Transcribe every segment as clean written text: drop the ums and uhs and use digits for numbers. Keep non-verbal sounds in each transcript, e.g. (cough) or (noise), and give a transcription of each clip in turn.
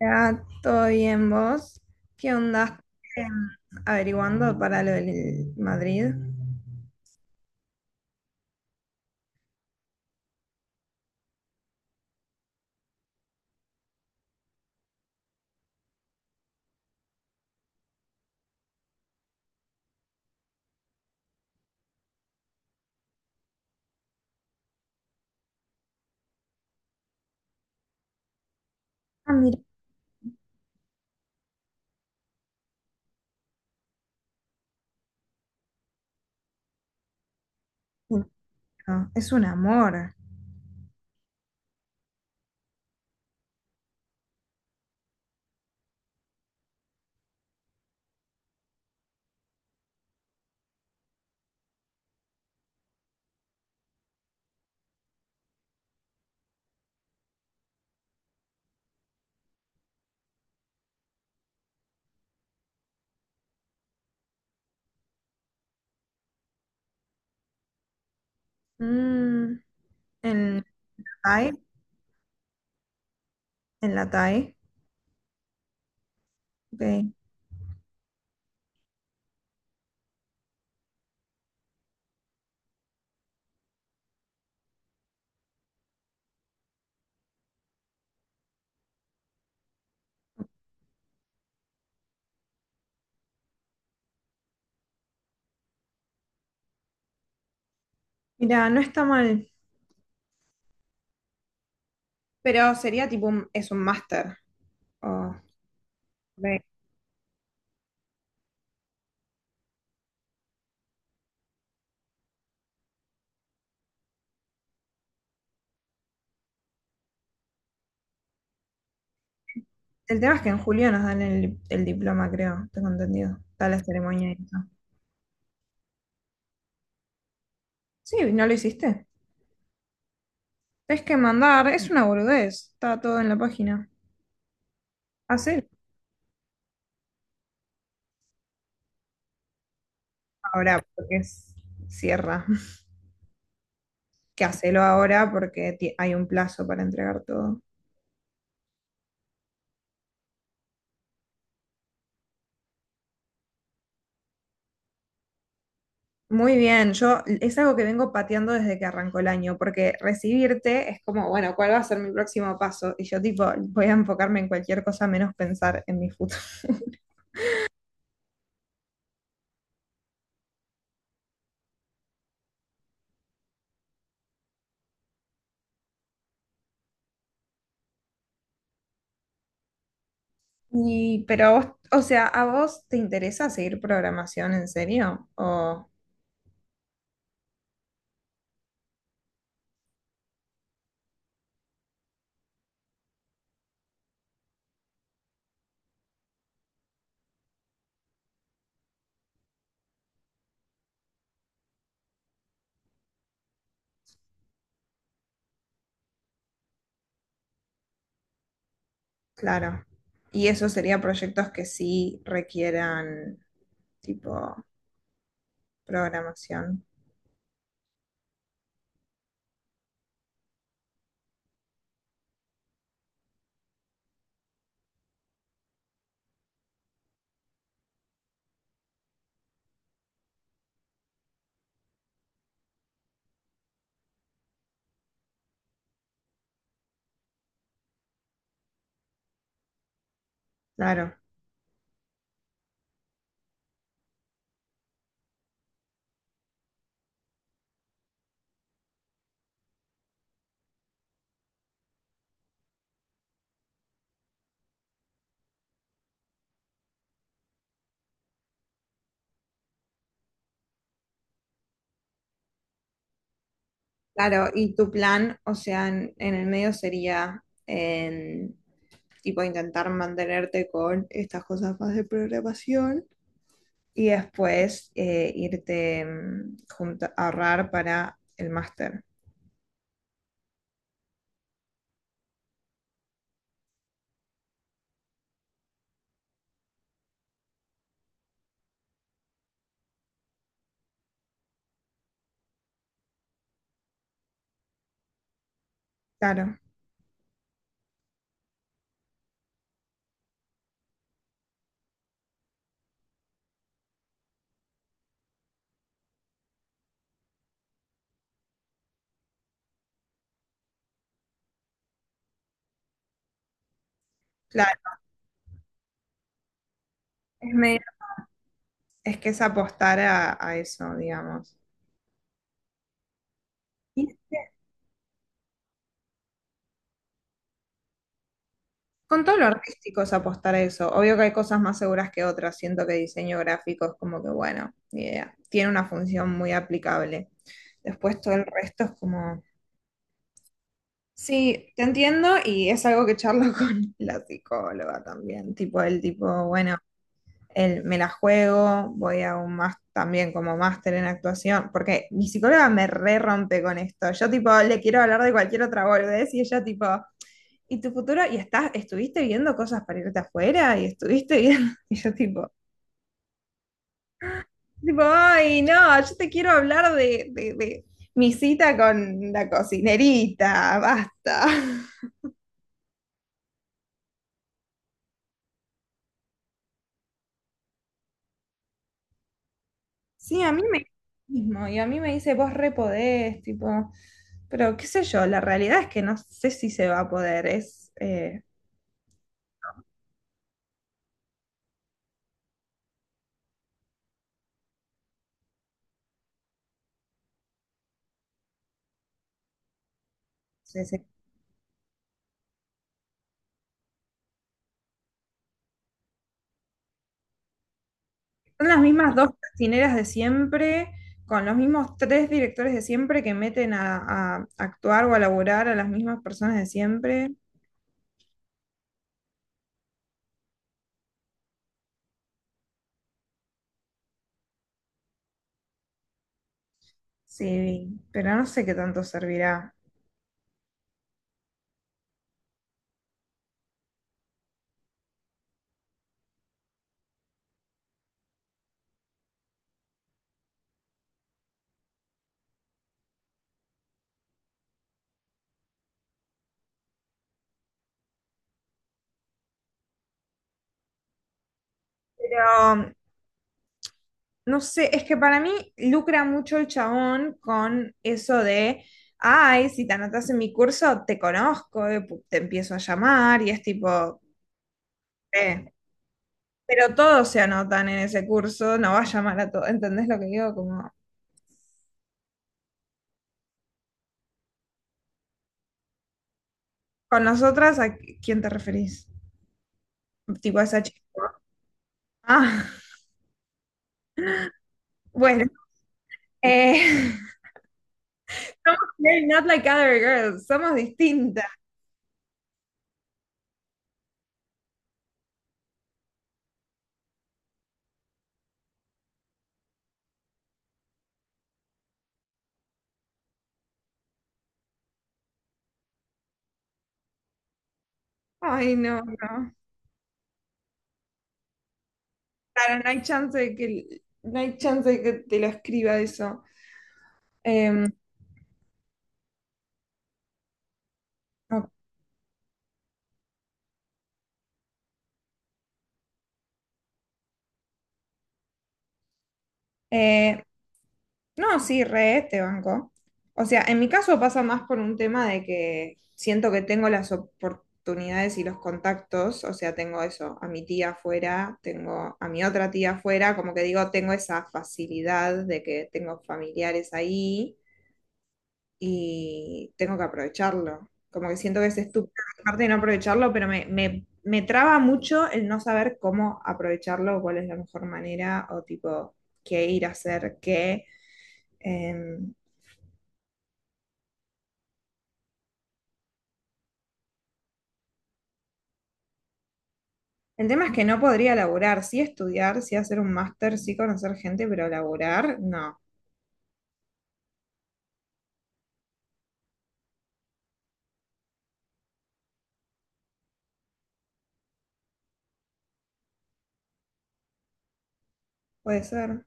Ya, todo bien, vos. ¿Qué onda? Eh, Averiguando para lo del Madrid. Ah, mira, no, es un amor. Mm, en la TAI, en la TAI. Ok. Mira, no está mal, pero sería tipo es un máster. Oh, ok. El tema es que en julio nos dan el diploma, creo, tengo entendido. Está la ceremonia y eso. Sí, no lo hiciste. Es que mandar, es una boludez. Está todo en la página. Hacer ahora, porque cierra. Que hacelo ahora porque hay un plazo para entregar todo. Muy bien, yo es algo que vengo pateando desde que arrancó el año, porque recibirte es como, bueno, ¿cuál va a ser mi próximo paso? Y yo tipo, voy a enfocarme en cualquier cosa menos pensar en mi futuro. (laughs) Y, pero vos, o sea, ¿a vos te interesa seguir programación en serio? Claro. Y eso sería proyectos que sí requieran tipo programación. Claro, claro, y tu plan, o sea, en el medio sería en, tipo intentar mantenerte con estas cosas más de programación y después irte ahorrar para el máster. Claro, claro, es medio- es que es apostar a eso, digamos. Con todo lo artístico es apostar a eso. Obvio que hay cosas más seguras que otras. Siento que diseño gráfico es como que, bueno, ni idea. Tiene una función muy aplicable. Después todo el resto es como, sí, te entiendo y es algo que charlo (laughs) con la psicóloga también. Tipo, el tipo, bueno, me la juego, voy a un más también como máster en actuación, porque mi psicóloga me re rompe con esto. Yo tipo, le quiero hablar de cualquier otra boludez y ella tipo y tu futuro, y estuviste viendo cosas para irte afuera, y estuviste viendo, (laughs) y yo tipo, tipo, ay, no, yo te quiero hablar de mi cita con la cocinerita, basta. (laughs) Sí, a mí me mismo, y a mí me dice, vos re podés, tipo, pero qué sé yo, la realidad es que no sé si se va a poder, sí, sí. Son las mismas dos cocineras de siempre, con los mismos tres directores de siempre que meten a actuar o a laburar a las mismas personas de siempre. Sí, pero no sé qué tanto servirá. Pero no sé, es que para mí lucra mucho el chabón con eso de, ay, si te anotas en mi curso, te conozco, te empiezo a llamar y es tipo, eh, pero todos se anotan en ese curso, no va a llamar a todos, ¿entendés lo que digo? Como, con nosotras, ¿a quién te referís? Te vas a... Ah, bueno. eh, (laughs) they're not like other girls, somos distintas. Ay, no, no. Claro, no hay chance de que, no hay chance de que te lo escriba eso. Em, no. Eh, No, sí, re este banco. O sea, en mi caso pasa más por un tema de que siento que tengo las oportunidades y los contactos, o sea, tengo eso, a mi tía afuera, tengo a mi otra tía afuera, como que digo, tengo esa facilidad de que tengo familiares ahí y tengo que aprovecharlo. Como que siento que es estúpido parte de no aprovecharlo, pero me traba mucho el no saber cómo aprovecharlo, cuál es la mejor manera o tipo qué ir a hacer qué. Em, El tema es que no podría laburar, sí estudiar, sí hacer un máster, sí conocer gente, pero laburar, no. Puede ser.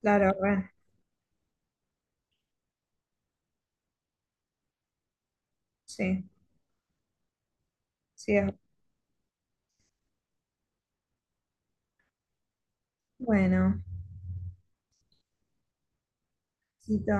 Claro, re. Sí, sí es. Bueno, Cito.